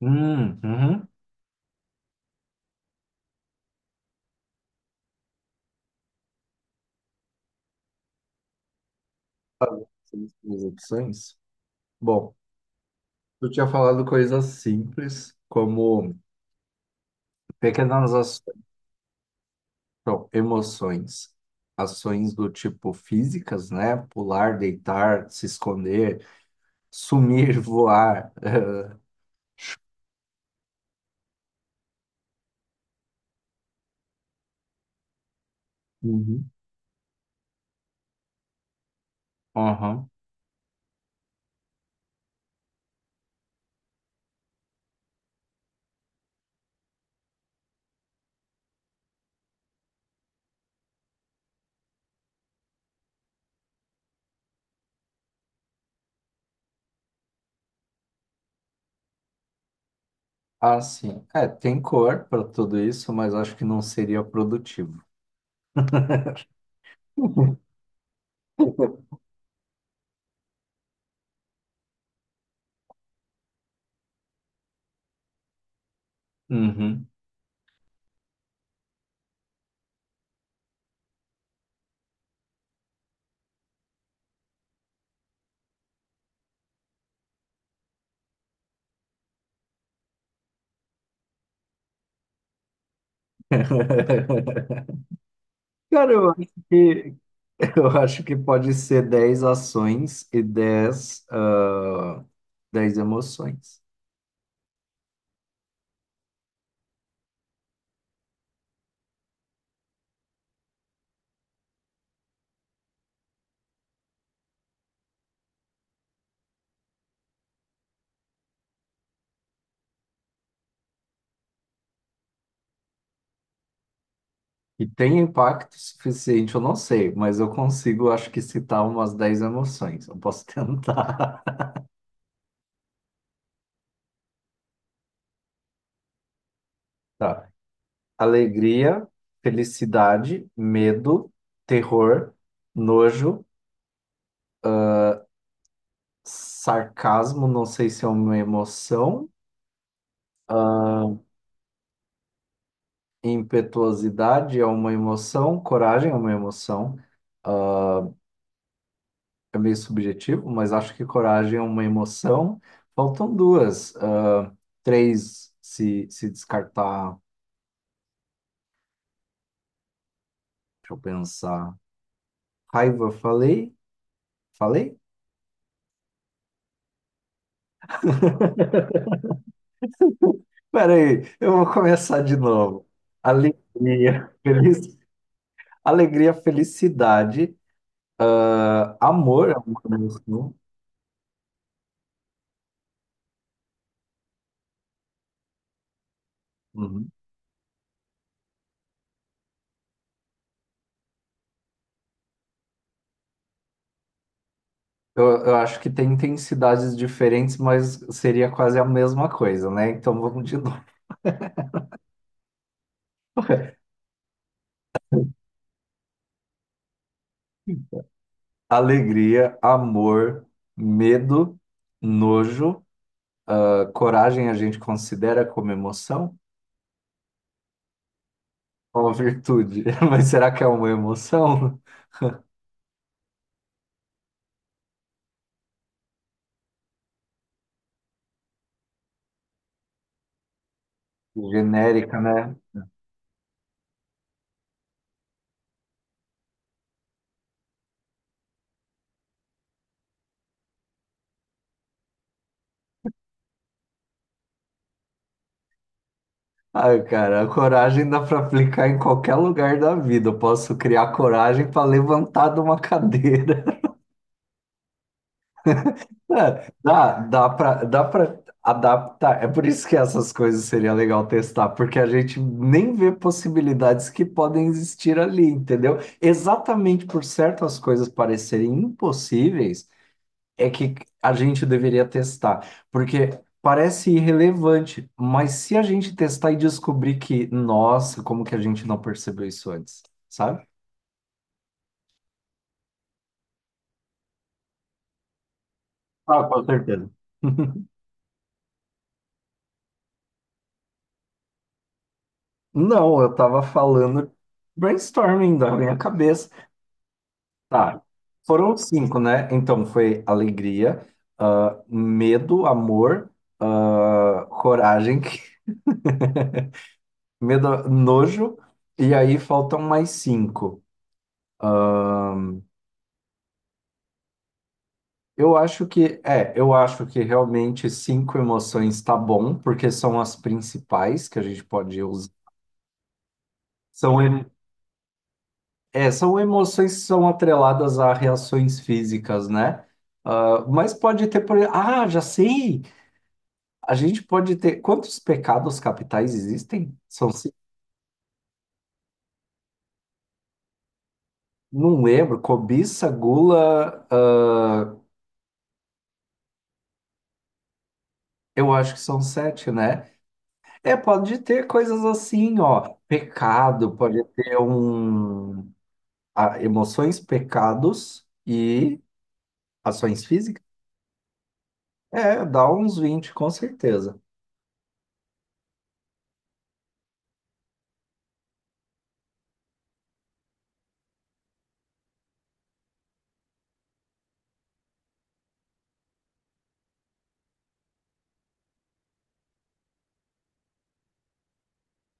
Uhum. Fazer essas duas opções. Bom, eu tinha falado coisas simples, como pequenas não, emoções, ações do tipo físicas, né? Pular, deitar, se esconder, sumir, voar. Uhum. Aham. Ah, sim. É, tem cor para tudo isso, mas acho que não seria produtivo. Uhum. Cara, eu acho que. Eu acho que pode ser 10 ações e 10 emoções. E tem impacto suficiente, eu não sei, mas eu consigo, acho que, citar umas 10 emoções. Eu posso tentar. Tá. Alegria, felicidade, medo, terror, nojo, sarcasmo, não sei se é uma emoção. ah, Impetuosidade é uma emoção, coragem é uma emoção. É meio subjetivo, mas acho que coragem é uma emoção. Faltam duas, três se descartar. Deixa eu pensar. Raiva, falei? Falei? Peraí, eu vou começar de novo. Alegria, feliz, alegria, felicidade, amor é uma emoção. Uhum. Eu acho que tem intensidades diferentes, mas seria quase a mesma coisa, né? Então vamos de novo. Alegria, amor, medo, nojo. Ah, coragem a gente considera como emoção? Uma virtude. Mas será que é uma emoção? Genérica, né? Ai, cara, a coragem dá para aplicar em qualquer lugar da vida. Eu posso criar coragem para levantar de uma cadeira. É, dá pra adaptar. É por isso que essas coisas seria legal testar, porque a gente nem vê possibilidades que podem existir ali, entendeu? Exatamente por certas coisas parecerem impossíveis é que a gente deveria testar, porque parece irrelevante, mas se a gente testar e descobrir que, nossa, como que a gente não percebeu isso antes, sabe? Ah, com certeza. Não, eu tava falando brainstorming da minha cabeça. Tá. Foram cinco, né? Então foi alegria, medo, amor, coragem, medo, nojo, e aí faltam mais cinco. Eu acho que realmente cinco emoções tá bom, porque são as principais que a gente pode usar. São, em- são emoções que são atreladas a reações físicas, né? Ah, mas pode ter, já sei! A gente pode ter. Quantos pecados capitais existem? São cinco. Não lembro. Cobiça, gula. Eu acho que são sete, né? É, pode ter coisas assim, ó. Pecado, pode ter um. Emoções, pecados e ações físicas. É, dá uns 20 com certeza.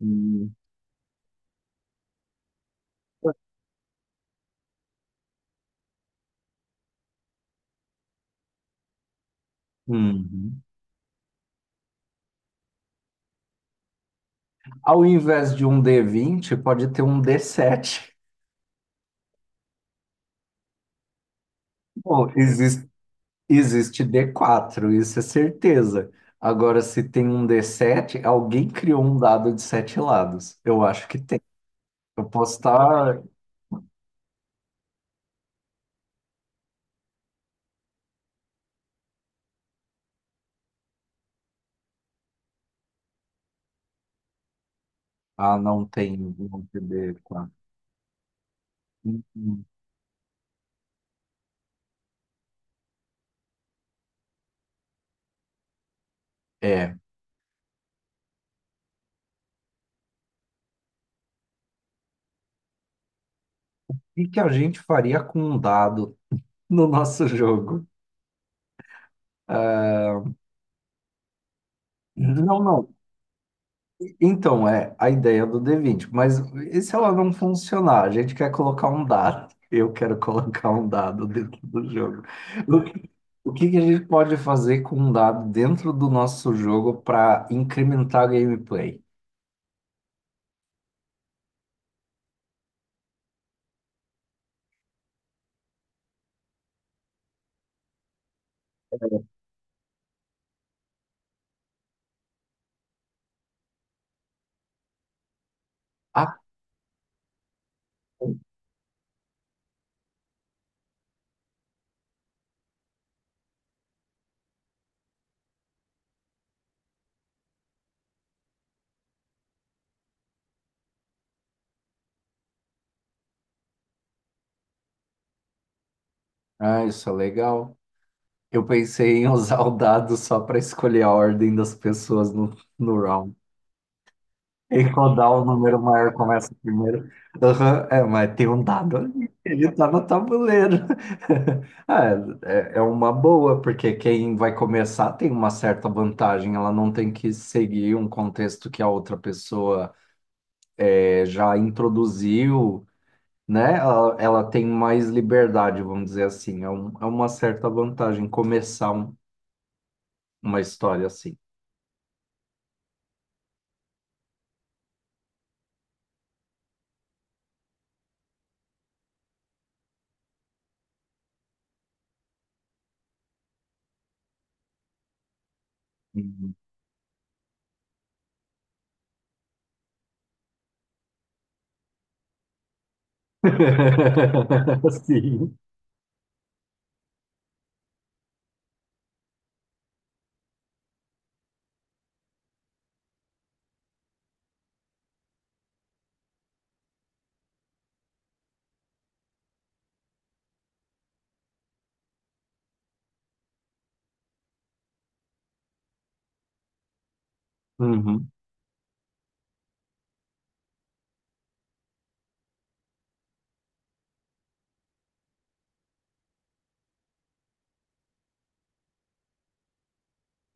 Hum. Uhum. Ao invés de um D20, pode ter um D7. Bom, existe D4, isso é certeza. Agora, se tem um D7, alguém criou um dado de sete lados. Eu acho que tem. Eu posso estar. Ah, não tem um D4. Hum, É. O que que a gente faria com um dado no nosso jogo? Não, não. Então, é a ideia do D20, mas e se ela não funcionar? A gente quer colocar um dado. Eu quero colocar um dado dentro do jogo. O que, o que que a gente pode fazer com um dado dentro do nosso jogo para incrementar a gameplay? Ah, ah, isso é legal. Eu pensei em usar o dado só para escolher a ordem das pessoas no round. E qual dá o número maior começa primeiro. Aham. É, mas tem um dado ali, ele tá no tabuleiro. Ah, é uma boa, porque quem vai começar tem uma certa vantagem, ela não tem que seguir um contexto que a outra pessoa já introduziu, né? Ela tem mais liberdade, vamos dizer assim. É, é uma certa vantagem começar uma história assim. Uhum. Sim. Uhum.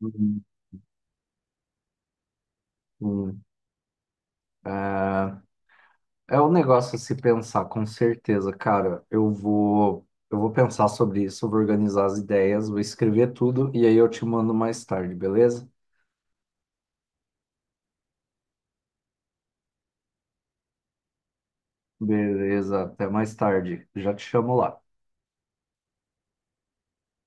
Uhum. Uhum. É, é um negócio a se pensar, com certeza, cara. Eu vou pensar sobre isso, vou organizar as ideias, vou escrever tudo e aí eu te mando mais tarde, beleza? Beleza, até mais tarde. Já te chamo lá.